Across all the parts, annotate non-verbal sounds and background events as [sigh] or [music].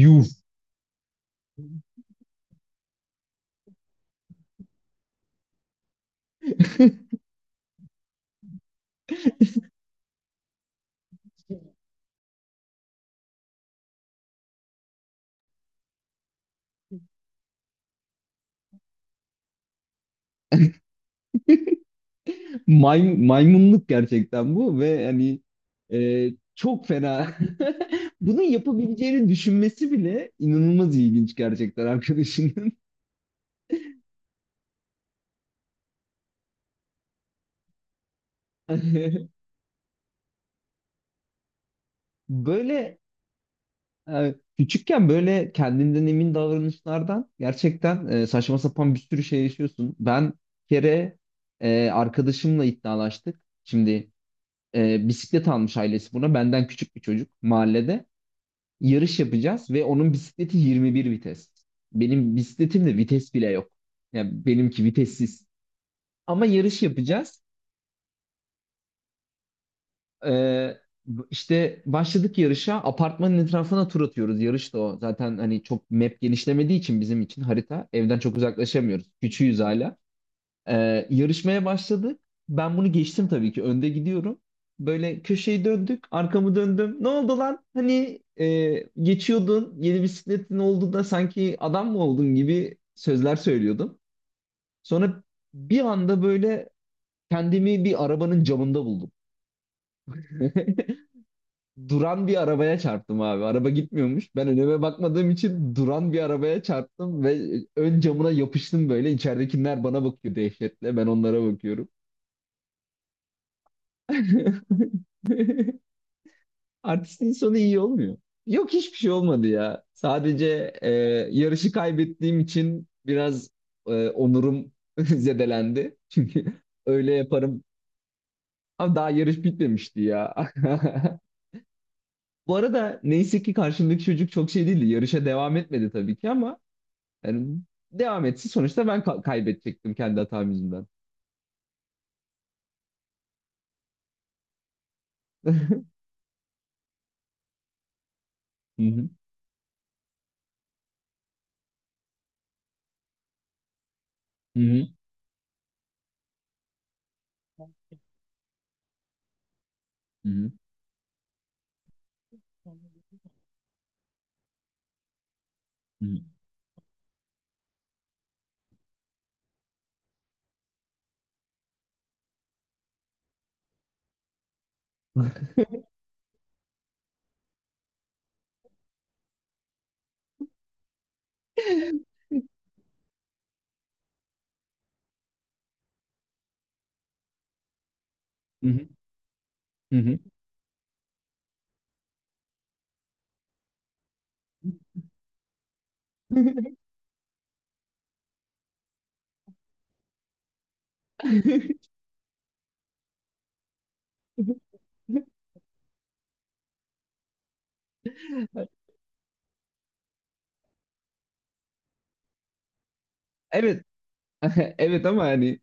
Yuh. [laughs] Maymunluk gerçekten bu ve hani e, çok fena. [laughs] Bunu yapabileceğini düşünmesi bile inanılmaz ilginç gerçekten arkadaşının. [laughs] Böyle küçükken böyle kendinden emin davranışlardan gerçekten saçma sapan bir sürü şey yaşıyorsun. Ben bir kere arkadaşımla iddialaştık. Şimdi bisiklet almış ailesi buna. Benden küçük bir çocuk mahallede. Yarış yapacağız ve onun bisikleti 21 vites. Benim bisikletimde vites bile yok. Yani benimki vitessiz. Ama yarış yapacağız. Ee, işte başladık yarışa. Apartmanın etrafına tur atıyoruz. Yarış da o. Zaten hani çok map genişlemediği için bizim için harita. Evden çok uzaklaşamıyoruz. Küçüğüz hala. Yarışmaya başladık. Ben bunu geçtim tabii ki. Önde gidiyorum. Böyle köşeyi döndük. Arkamı döndüm. Ne oldu lan? Hani geçiyordun. Yeni bisikletin oldu da sanki adam mı oldun gibi sözler söylüyordum. Sonra bir anda böyle kendimi bir arabanın camında buldum. [laughs] Duran bir arabaya çarptım abi. Araba gitmiyormuş. Ben önüme bakmadığım için duran bir arabaya çarptım ve ön camına yapıştım böyle. İçeridekiler bana bakıyor dehşetle. Ben onlara bakıyorum. [laughs] Artistin sonu iyi olmuyor. Yok hiçbir şey olmadı ya. Sadece yarışı kaybettiğim için biraz onurum [laughs] zedelendi. Çünkü öyle yaparım. Ama daha yarış bitmemişti ya. [laughs] Bu arada neyse ki karşımdaki çocuk çok şey değildi. Yarışa devam etmedi tabii ki ama yani devam etsin. Sonuçta ben kaybedecektim kendi hatam yüzünden. [laughs] Hı hı, hı hı, hı hı, hı hı, hı hı, hı hı. [laughs] Evet. [laughs] Evet, ama hani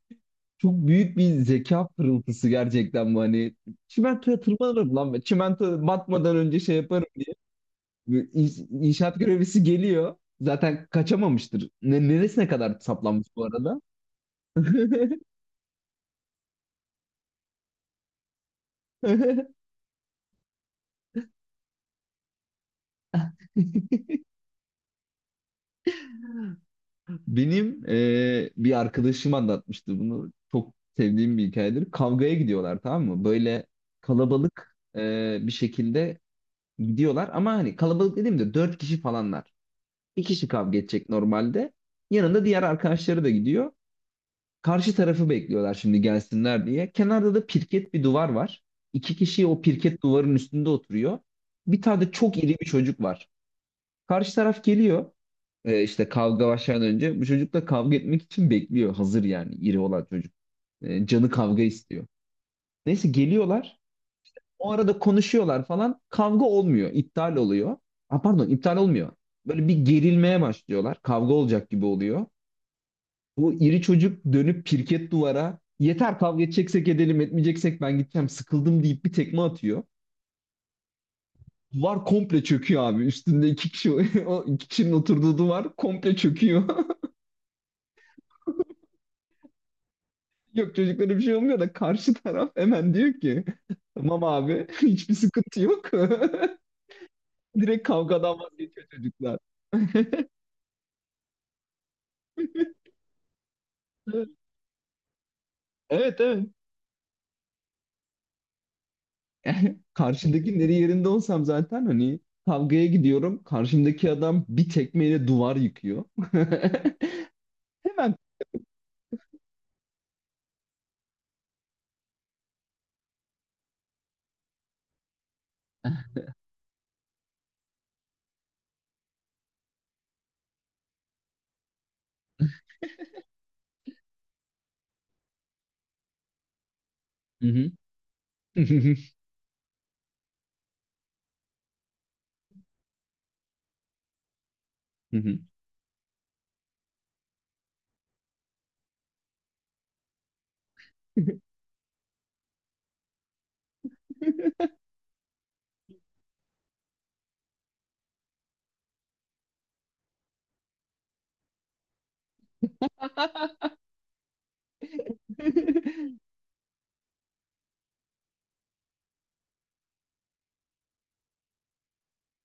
çok büyük bir zeka pırıltısı gerçekten bu hani. Çimentoya tırmanırım lan ben. Çimento batmadan önce şey yaparım. İnşaat görevlisi geliyor. Zaten kaçamamıştır. Neresine kadar saplanmış bu arada? [laughs] Benim bir arkadaşım anlatmıştı bunu. Çok sevdiğim bir hikayedir. Kavgaya gidiyorlar, tamam mı? Böyle kalabalık bir şekilde gidiyorlar. Ama hani kalabalık dediğimde dört kişi falanlar. Bir kişi kavga edecek normalde. Yanında diğer arkadaşları da gidiyor. Karşı tarafı bekliyorlar şimdi gelsinler diye. Kenarda da pirket bir duvar var. İki kişi o pirket duvarın üstünde oturuyor. Bir tane de çok iri bir çocuk var. Karşı taraf geliyor. İşte kavga başlamadan önce bu çocukla kavga etmek için bekliyor. Hazır yani iri olan çocuk. Canı kavga istiyor. Neyse geliyorlar. O arada konuşuyorlar falan. Kavga olmuyor. İptal oluyor. Ha, pardon, iptal olmuyor. Böyle bir gerilmeye başlıyorlar. Kavga olacak gibi oluyor. Bu iri çocuk dönüp pirket duvara yeter kavga edeceksek edelim, etmeyeceksek ben gideceğim, sıkıldım deyip bir tekme atıyor. Duvar komple çöküyor abi. Üstünde iki kişi [laughs] o iki kişinin oturduğu duvar komple çöküyor. [laughs] Yok, çocuklara bir şey olmuyor da karşı taraf hemen diyor ki tamam abi [laughs] hiçbir sıkıntı yok. [laughs] Direkt kavgadan vazgeçiyor çocuklar. [laughs] Evet, evet. [laughs] Karşındakinin yeri yerinde olsam zaten hani kavgaya gidiyorum. Karşımdaki adam bir tekmeyle duvar yıkıyor. [laughs] Hemen [laughs] hı hı. [laughs] Hı hı.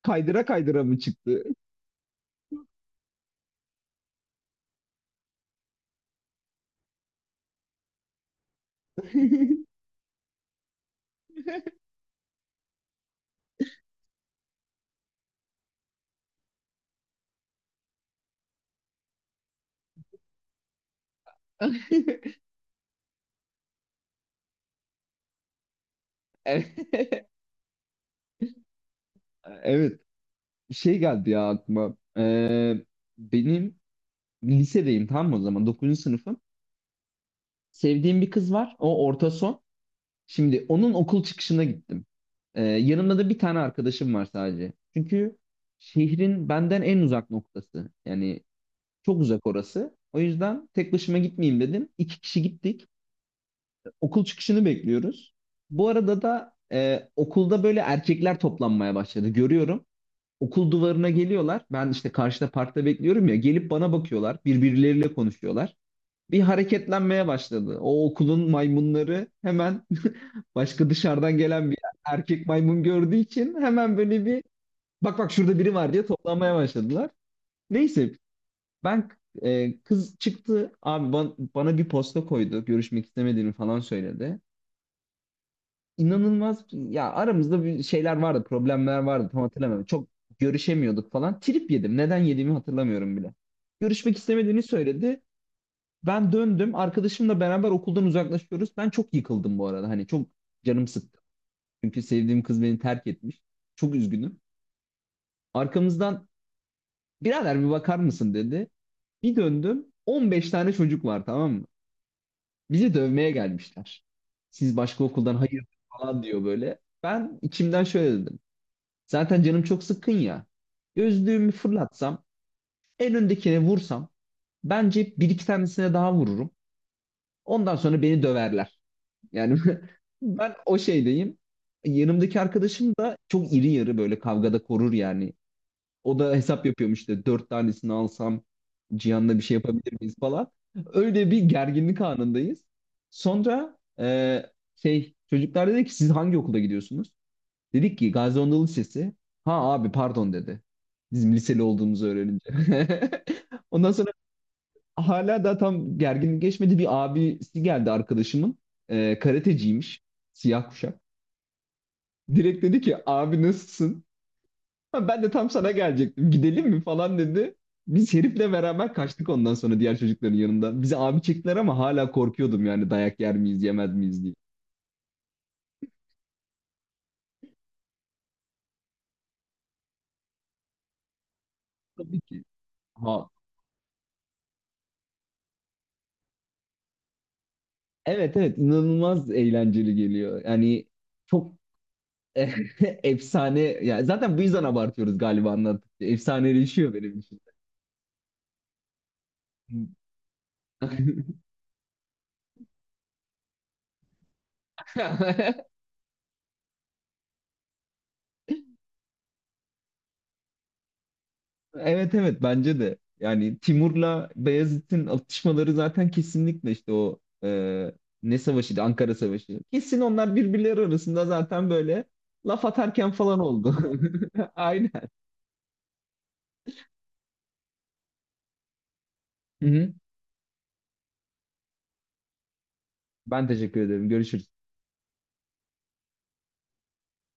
Kaydıra kaydıra mı çıktı? [laughs] [laughs] Evet. Şey geldi ya aklıma. Benim lisedeyim, tamam mı o zaman? 9. sınıfım. Sevdiğim bir kız var. O orta son. Şimdi onun okul çıkışına gittim. Yanımda da bir tane arkadaşım var sadece. Çünkü şehrin benden en uzak noktası. Yani çok uzak orası. O yüzden tek başıma gitmeyeyim dedim. İki kişi gittik. Okul çıkışını bekliyoruz. Bu arada da okulda böyle erkekler toplanmaya başladı. Görüyorum. Okul duvarına geliyorlar. Ben işte karşıda parkta bekliyorum ya. Gelip bana bakıyorlar. Birbirleriyle konuşuyorlar. Bir hareketlenmeye başladı. O okulun maymunları hemen [laughs] başka dışarıdan gelen bir erkek maymun gördüğü için hemen böyle bir bak bak şurada biri var diye toplanmaya başladılar. Neyse ben kız çıktı abi, bana bir posta koydu. Görüşmek istemediğini falan söyledi. İnanılmaz ya, aramızda bir şeyler vardı, problemler vardı, tam hatırlamıyorum. Çok görüşemiyorduk falan. Trip yedim. Neden yediğimi hatırlamıyorum bile. Görüşmek istemediğini söyledi. Ben döndüm. Arkadaşımla beraber okuldan uzaklaşıyoruz. Ben çok yıkıldım bu arada. Hani çok canım sıktı. Çünkü sevdiğim kız beni terk etmiş. Çok üzgünüm. Arkamızdan birader bir bakar mısın dedi. Bir döndüm. 15 tane çocuk var, tamam mı? Bizi dövmeye gelmişler. Siz başka okuldan, hayır falan diyor böyle. Ben içimden şöyle dedim. Zaten canım çok sıkkın ya. Gözlüğümü fırlatsam, en öndekine vursam, bence bir iki tanesine daha vururum. Ondan sonra beni döverler. Yani [laughs] ben o şeydeyim. Yanımdaki arkadaşım da çok iri yarı, böyle kavgada korur yani. O da hesap yapıyormuş, işte dört tanesini alsam Cihan'la bir şey yapabilir miyiz falan. Öyle bir gerginlik anındayız. Sonra şey, çocuklar dedi ki siz hangi okula gidiyorsunuz? Dedik ki Gazi Anadolu Lisesi. Ha abi, pardon dedi. Bizim liseli olduğumuzu öğrenince. [laughs] Ondan sonra hala da tam gerginlik geçmedi. Bir abisi geldi arkadaşımın. Karateciymiş. Siyah kuşak. Direkt dedi ki abi nasılsın? Ha, ben de tam sana gelecektim. Gidelim mi falan dedi. Biz herifle beraber kaçtık ondan sonra diğer çocukların yanından. Bize abi çektiler ama hala korkuyordum yani dayak yer miyiz yemez miyiz diye. Tabii ki. Ha, evet, evet, inanılmaz eğlenceli geliyor. Yani çok [laughs] efsane ya, zaten bu yüzden abartıyoruz galiba anlattıkça. Efsaneleşiyor benim için. [laughs] Evet, evet, bence de. Yani Timur'la Beyazıt'ın atışmaları zaten kesinlikle işte o ne savaşıydı? Ankara Savaşı. Kesin onlar birbirleri arasında zaten böyle laf atarken falan oldu. [laughs] Aynen. Hı hı. Ben teşekkür ederim. Görüşürüz.